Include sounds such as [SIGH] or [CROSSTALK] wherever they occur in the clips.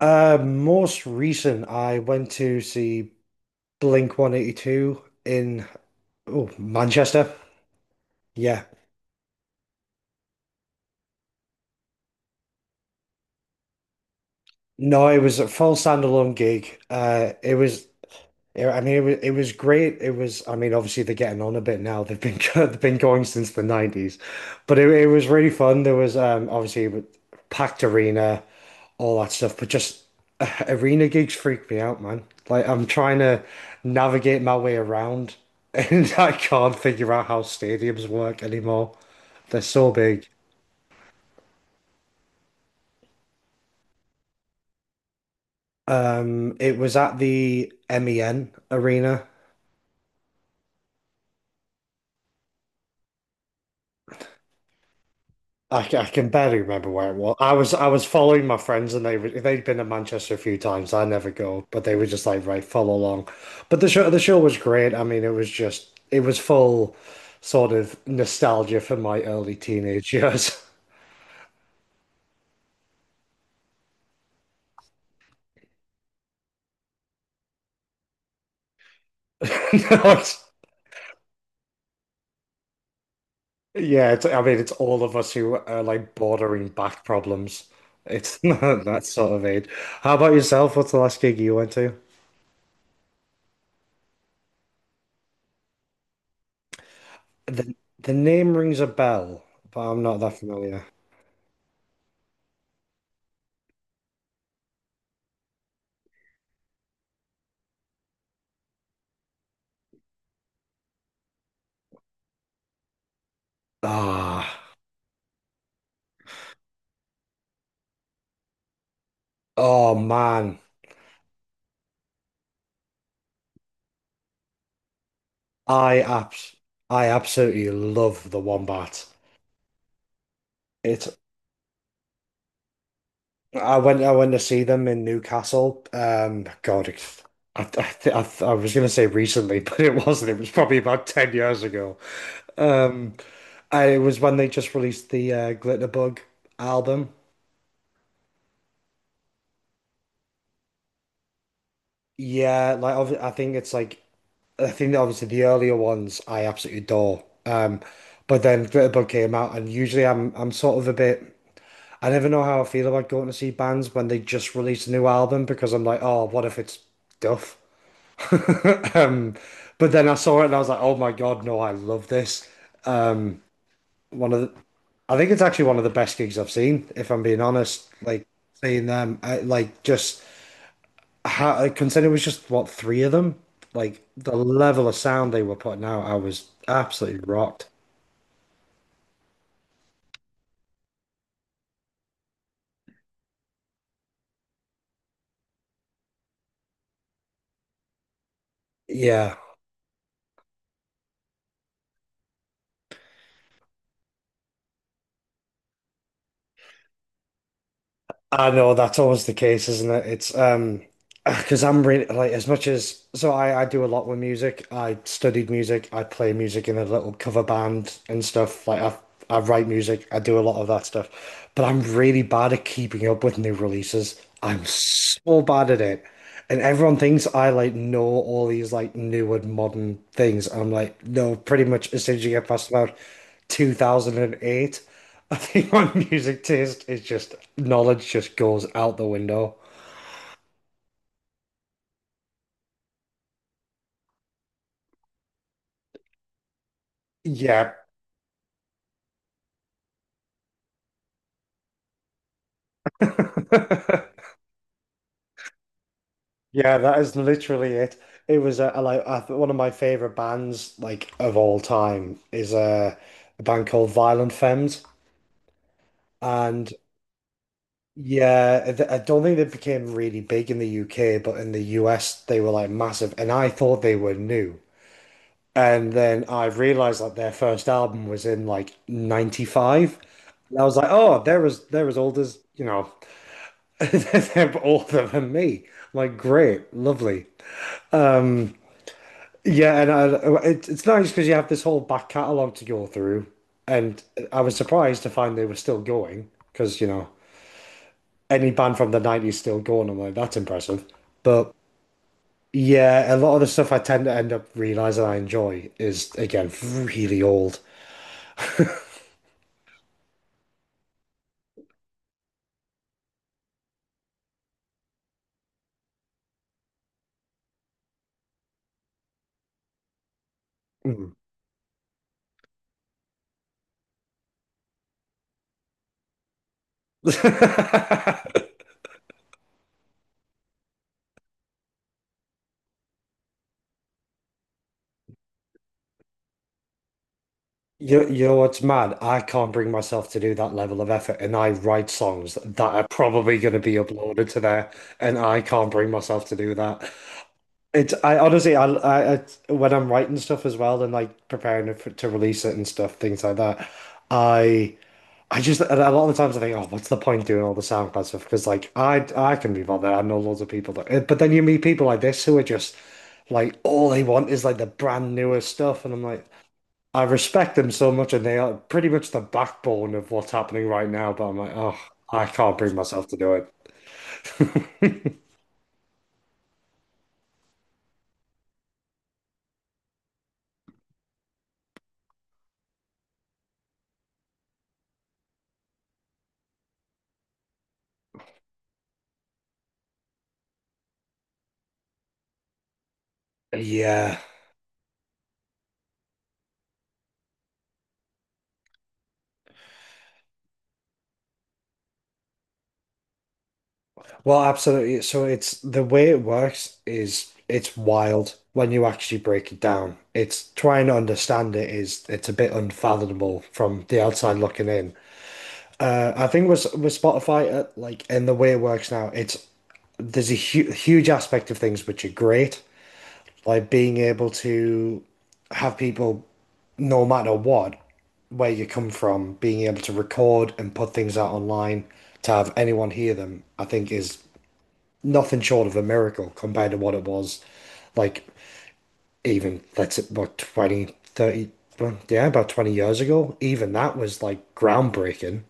Most recent, I went to see Blink 182 in oh, Manchester. Yeah. No, it was a full standalone gig. It was Yeah, I mean, it was great. It was, I mean, obviously they're getting on a bit now. They've been [LAUGHS] They've been going since the 90s, but it was really fun. There was Obviously it was packed arena, all that stuff. But just Arena gigs freak me out, man. Like I'm trying to navigate my way around, [LAUGHS] and I can't figure out how stadiums work anymore. They're so big. It was at the MEN Arena. I can barely remember where it was. I was following my friends, and they'd been to Manchester a few times. I never go, but they were just like, right, follow along. But the show was great. I mean, it was full sort of nostalgia for my early teenage years. [LAUGHS] No, yeah, I mean, it's all of us who are like bordering back problems. It's [LAUGHS] not that sort of age. How about yourself? What's the last gig you went to? The name rings a bell, but I'm not that familiar. Ah. Oh man, I abs I absolutely love the Wombat. It's I went to see them in Newcastle. God, I I, I was gonna say recently, [LAUGHS] but it wasn't. It was probably about 10 years ago. Um, it was when they just released the Glitterbug album. Yeah, I think it's like I think that obviously the earlier ones I absolutely adore. But then Glitterbug came out, and usually I'm sort of a bit. I never know how I feel about going to see bands when they just release a new album, because I'm like, oh, what if it's duff? [LAUGHS] Um, but then I saw it and I was like, oh my God, no, I love this. One of the, I think it's actually one of the best gigs I've seen, if I'm being honest. Like seeing them, like just how, I consider it was just what, three of them. Like the level of sound they were putting out, I was absolutely rocked. Yeah, I know that's always the case, isn't it? It's [SIGHS] Because I'm really like, as much as, so I do a lot with music. I studied music. I play music in a little cover band and stuff. Like I write music. I do a lot of that stuff. But I'm really bad at keeping up with new releases. I'm so bad at it. And everyone thinks I like know all these like new and modern things. I'm like, no, pretty much as soon as you get past about 2008, [LAUGHS] I think my [LAUGHS] music taste is just knowledge just goes out the window. Yeah. [LAUGHS] Yeah, that is literally it. It was like I th One of my favorite bands like of all time is a band called Violent Femmes, and yeah, I don't think they became really big in the UK, but in the US they were like massive, and I thought they were new, and then I realized that their first album was in like '95, and I was like, oh, they're as old as, you know, [LAUGHS] they're older than me. I'm like, great, lovely. um. Yeah, and it's nice, because you have this whole back catalogue to go through, and I was surprised to find they were still going, because, you know, any band from the 90s still going. I'm like, that's impressive. But yeah, a lot of the stuff I tend to end up realizing I enjoy is again really old. Mm. [LAUGHS] You know what's mad? I can't bring myself to do that level of effort, and I write songs that are probably going to be uploaded to there, and I can't bring myself to do that. It's I honestly, I when I'm writing stuff as well, and like preparing it to release it, and stuff things like that, I I just, and a lot of the times I think, oh, what's the point doing all the SoundCloud stuff, because like I can be bothered, I know loads of people that eh, but then you meet people like this who are just like, all they want is like the brand newest stuff, and I'm like, I respect them so much, and they are pretty much the backbone of what's happening right now, but I'm like, oh, I can't bring myself to do it. [LAUGHS] Yeah. Well, absolutely. So it's, the way it works is, it's wild when you actually break it down. It's trying to understand it is, it's a bit unfathomable from the outside looking in. I think with Spotify, like in the way it works now, it's there's a hu huge aspect of things which are great, like being able to have people, no matter what, where you come from, being able to record and put things out online to have anyone hear them, I think, is nothing short of a miracle compared to what it was like, even let's say about 20, 30. Well, yeah, about 20 years ago, even that was like groundbreaking.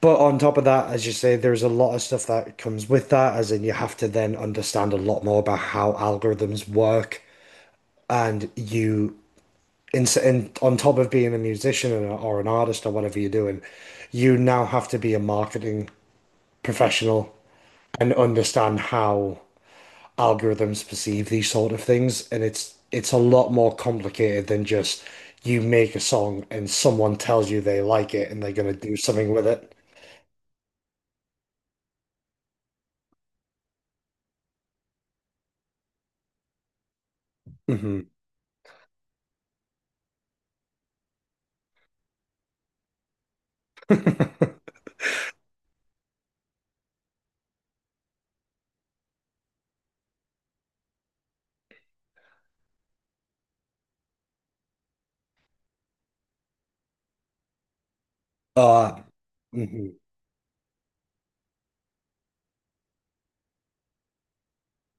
But on top of that, as you say, there's a lot of stuff that comes with that, as in, you have to then understand a lot more about how algorithms work, and you, on top of being a musician, or an artist, or whatever you're doing, you now have to be a marketing professional, and understand how algorithms perceive these sort of things, and it's a lot more complicated than just, you make a song and someone tells you they like it, and they're gonna do something with it. Hmm. [LAUGHS] Uh, hmm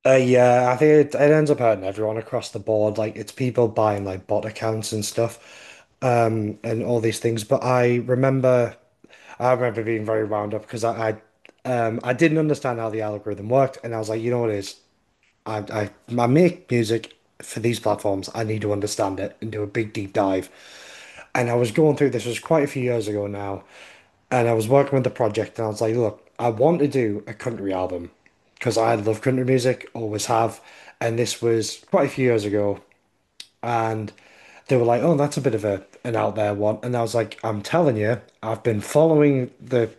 Yeah, I think it ends up hurting everyone across the board. Like it's people buying like bot accounts and stuff, and all these things. But I remember being very wound up, because I didn't understand how the algorithm worked, and I was like, you know what it is? I, I, I make music for these platforms. I need to understand it and do a big deep dive. And I was going through, this was quite a few years ago now, and I was working with the project, and I was like, look, I want to do a country album, because I love country music, always have, and this was quite a few years ago, and they were like, oh, that's a bit of a an out there one, and I was like, I'm telling you, I've been following the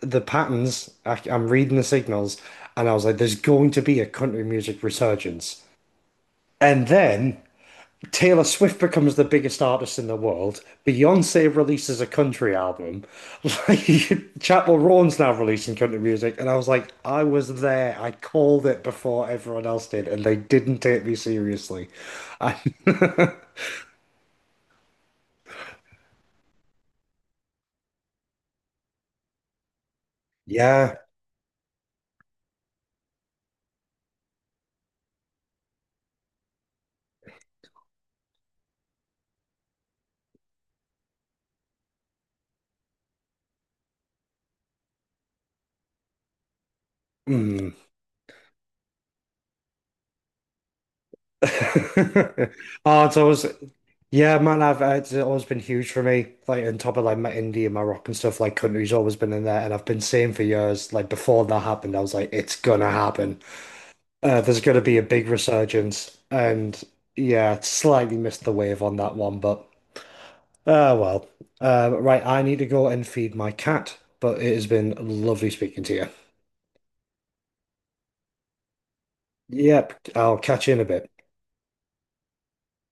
the patterns, I'm reading the signals, and I was like, there's going to be a country music resurgence. And then Taylor Swift becomes the biggest artist in the world. Beyonce releases a country album. [LAUGHS] Like Chapel Roan's now releasing country music. And I was like, I was there. I called it before everyone else did, and they didn't take me seriously. I- [LAUGHS] yeah. Mm. [LAUGHS] Oh, it's always, yeah, man. I've It's always been huge for me. Like on top of like my India, my rock and stuff. Like country's always been in there, and I've been saying for years. Like before that happened, I was like, it's gonna happen. There's gonna be a big resurgence, and yeah, slightly missed the wave on that one, but well. Right, I need to go and feed my cat. But it has been lovely speaking to you. Yep, I'll catch you in a bit.